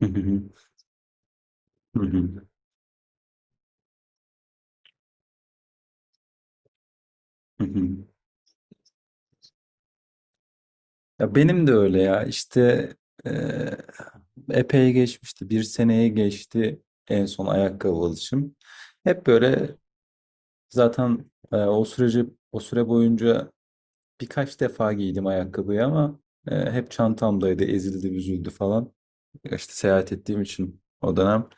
Hı hı hı. Hı hı. Hı hı. Ya benim de öyle ya eee, epey geçmişti. Bir seneye geçti en son ayakkabı alışım. Hep böyle zaten o süre boyunca birkaç defa giydim ayakkabıyı ama hep çantamdaydı, ezildi, büzüldü falan. Ya İşte seyahat ettiğim için o dönem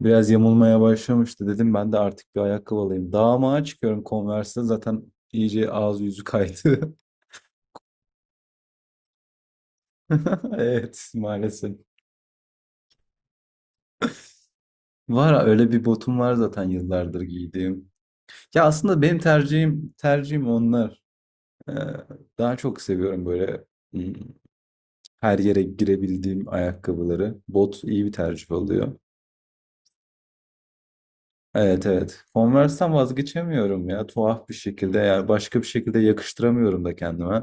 biraz yamulmaya başlamıştı. Dedim ben de artık bir ayakkabı alayım. Dağ mağa çıkıyorum Converse'de zaten iyice ağzı yüzü kaydı. Evet maalesef. Var öyle bir botum var zaten yıllardır giydiğim. Ya aslında benim tercihim onlar. Ee, Daha çok seviyorum böyle hmm, her yere girebildiğim ayakkabıları. Bot iyi bir tercih oluyor. Evet, evet. Converse'ten vazgeçemiyorum ya tuhaf bir şekilde. Yani başka bir şekilde yakıştıramıyorum da kendime.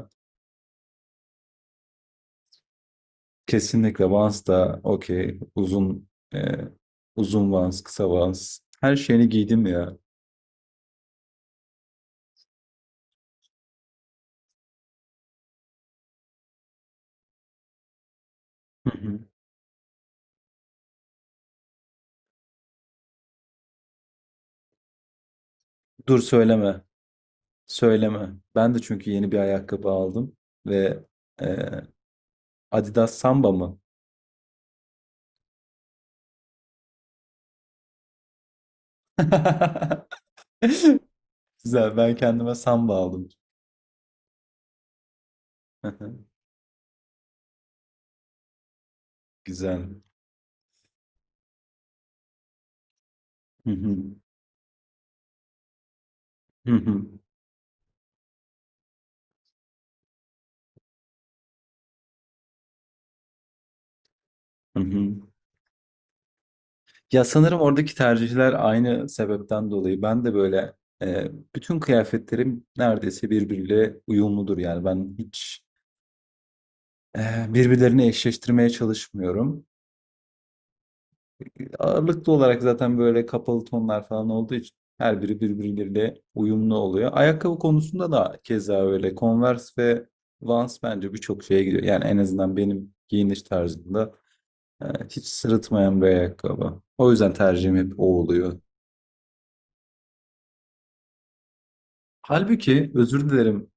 Kesinlikle Vans da okey. Uzun e, uzun Vans, kısa Vans. Her şeyini giydim ya. Hı hı. Dur söyleme. Söyleme. Ben de çünkü yeni bir ayakkabı aldım ve e, Adidas Samba mı? Güzel. Ben kendime Samba aldım. Güzel. Hı hı. Hı hı. Hı hı. Ya sanırım oradaki tercihler aynı sebepten dolayı. Ben de böyle, bütün kıyafetlerim neredeyse birbiriyle uyumludur. Yani ben hiç e, birbirlerini eşleştirmeye çalışmıyorum. Ağırlıklı olarak zaten böyle kapalı tonlar falan olduğu için her biri birbirleriyle uyumlu oluyor. Ayakkabı konusunda da keza öyle. Converse ve Vans bence birçok şeye gidiyor. Yani en azından benim giyiniş tarzımda e, hiç sırıtmayan bir ayakkabı. O yüzden tercihim hep o oluyor. Halbuki özür dilerim.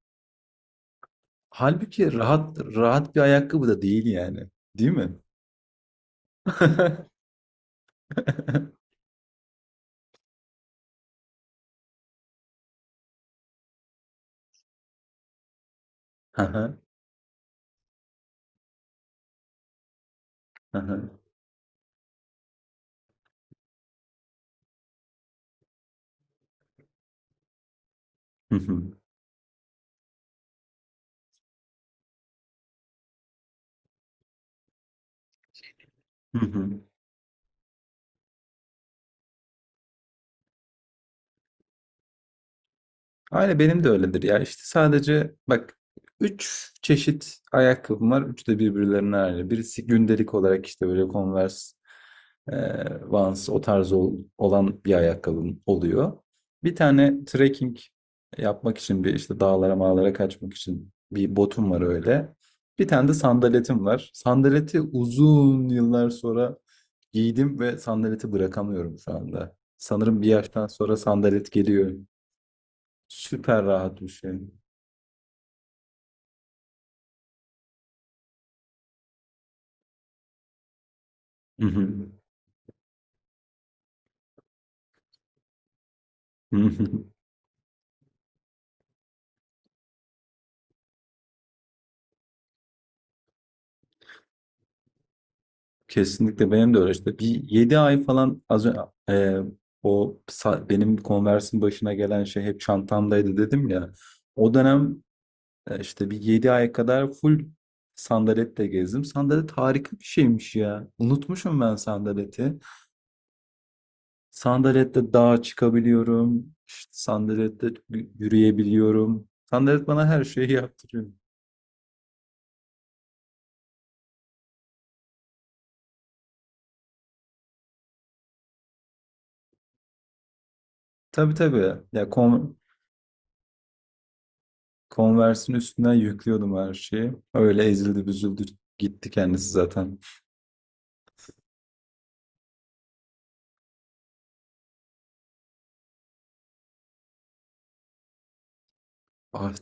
Halbuki rahat rahat bir ayakkabı da değil yani. Değil mi? Hı hı, hı hı. Hı hı, hı hı. Aynı benim de öyledir ya. İşte sadece bak üç çeşit ayakkabım var. Üçü de birbirlerine aynı. Birisi gündelik olarak işte böyle Converse, e, Vans o tarz olan bir ayakkabım oluyor. Bir tane trekking yapmak için bir işte dağlara mağlara kaçmak için bir botum var öyle. Bir tane de sandaletim var. Sandaleti uzun yıllar sonra giydim ve sandaleti bırakamıyorum şu anda. Sanırım bir yaştan sonra sandalet geliyor. Süper rahat bir şey. Hı hı. Hı hı. Kesinlikle benim de öyle işte. Bir 7 ay falan az önce benim Converse'in başına gelen şey hep çantamdaydı dedim ya. O dönem işte bir 7 ay kadar full sandaletle gezdim. Sandalet harika bir şeymiş ya. Unutmuşum ben sandaleti. Sandalette dağa çıkabiliyorum. İşte sandalette yürüyebiliyorum. Sandalet bana her şeyi yaptırıyor. Tabii, tabii. Converse'in üstünden yüklüyordum her şeyi. Öyle ezildi büzüldü gitti kendisi zaten. Ah,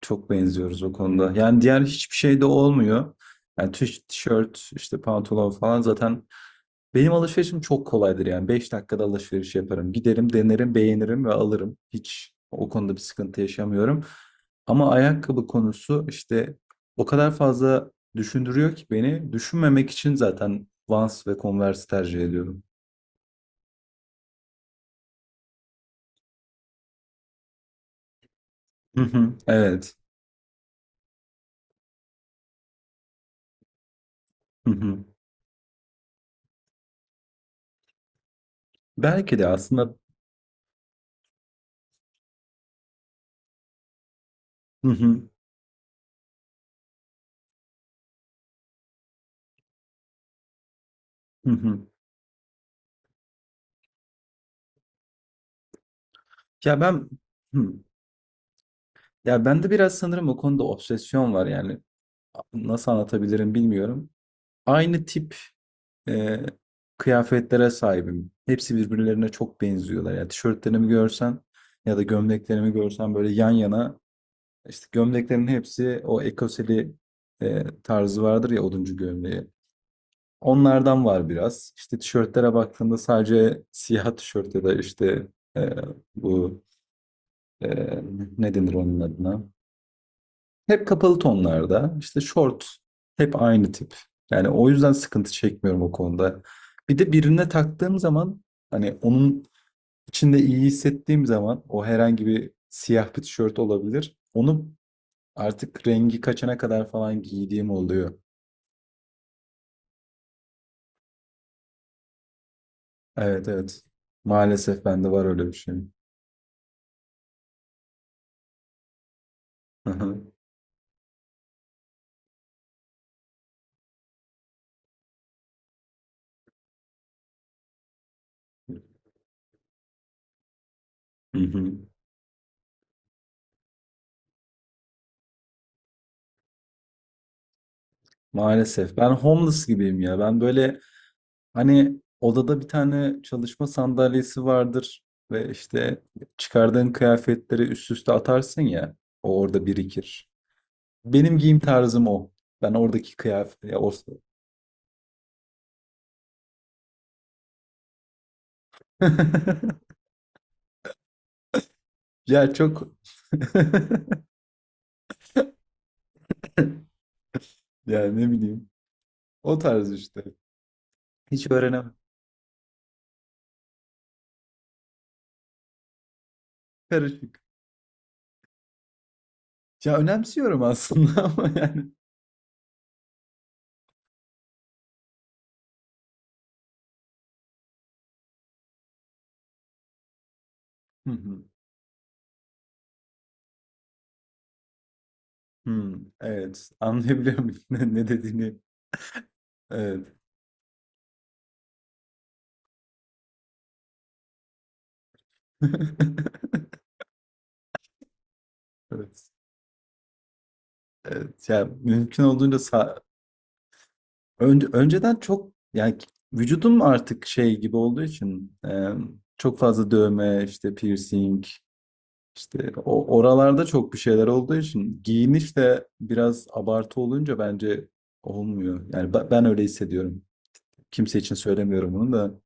çok benziyoruz o konuda. Yani diğer hiçbir şey de olmuyor. Yani tişört, işte pantolon falan zaten benim alışverişim çok kolaydır yani. 5 dakikada alışveriş yaparım. Giderim, denerim, beğenirim ve alırım. Hiç o konuda bir sıkıntı yaşamıyorum. Ama ayakkabı konusu işte o kadar fazla düşündürüyor ki beni. Düşünmemek için zaten Vans ve Converse tercih ediyorum. Hı hı, evet. Hı hı. Belki de aslında. Hı hı. Hı hı. Ya ben hı. Ya bende biraz sanırım o konuda obsesyon var yani. Nasıl anlatabilirim bilmiyorum. Aynı tip e, kıyafetlere sahibim. Hepsi birbirlerine çok benziyorlar. Ya tişörtlerimi görsen ya da gömleklerimi görsen böyle yan yana işte gömleklerin hepsi o ekoseli tarzı vardır ya oduncu gömleği. Onlardan var biraz. İşte tişörtlere baktığımda sadece siyah tişört ya da işte e, bu e, ne denir onun adına? Hep kapalı tonlarda. İşte short hep aynı tip. Yani o yüzden sıkıntı çekmiyorum o konuda. Bir de birine taktığım zaman hani onun içinde iyi hissettiğim zaman o herhangi bir siyah bir tişört olabilir. Onu artık rengi kaçana kadar falan giydiğim oluyor. Evet, evet. Maalesef bende var öyle bir şey. Hı hı. Maalesef. Ben homeless gibiyim ya. Ben böyle hani odada bir tane çalışma sandalyesi vardır ve işte çıkardığın kıyafetleri üst üste atarsın ya. O orada birikir. Benim giyim tarzım o. Ben oradaki kıyafet ya o. Ya çok ya ne bileyim. O tarz işte. Hiç öğrenemem. Karışık. Ya önemsiyorum aslında ama yani. Hı hı. Hı, evet. Anlayabiliyorum ne dediğini? Evet. Evet. Evet. Yani mümkün olduğunca önceden çok yani vücudum artık şey gibi olduğu için, çok fazla dövme, işte piercing, işte o oralarda çok bir şeyler olduğu için giyiniş de biraz abartı olunca bence olmuyor. Yani ben öyle hissediyorum. Kimse için söylemiyorum bunu da.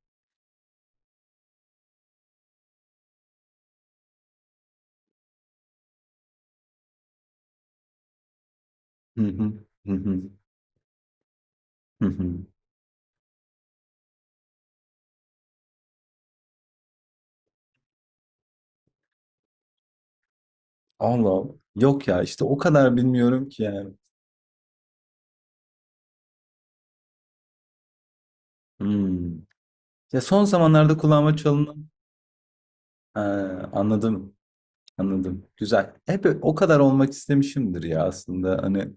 Hı hı. Hı hı. Hı hı. Allah Allah. Yok ya işte o kadar bilmiyorum ki yani. Hmm. Ya son zamanlarda kulağıma çalınan. He, anladım, anladım. Güzel. Hep o kadar olmak istemişimdir ya aslında. Hani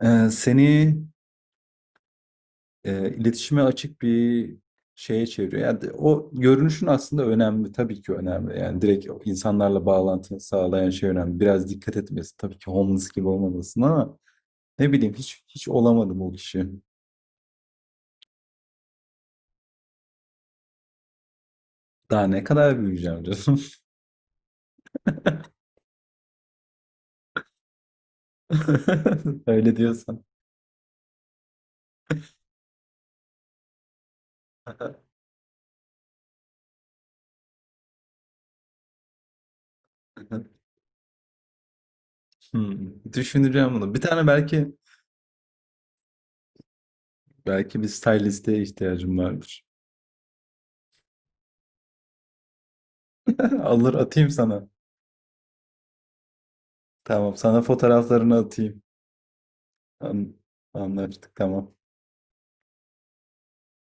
e, seni iletişime açık bir şeye çeviriyor. Yani o görünüşün aslında önemli, tabii ki önemli. Yani direkt o insanlarla bağlantını sağlayan şey önemli. Biraz dikkat etmesi, tabii ki homeless gibi olmamasın ama ne bileyim hiç olamadım o kişi. Daha ne kadar büyüyeceğim canım. Öyle diyorsan. Hmm, düşüneceğim bunu. Bir tane belki. Belki bir stylist'e ihtiyacım vardır. Alır atayım sana. Tamam, sana fotoğraflarını atayım. An- Anlaştık, tamam.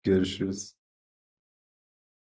Görüşürüz.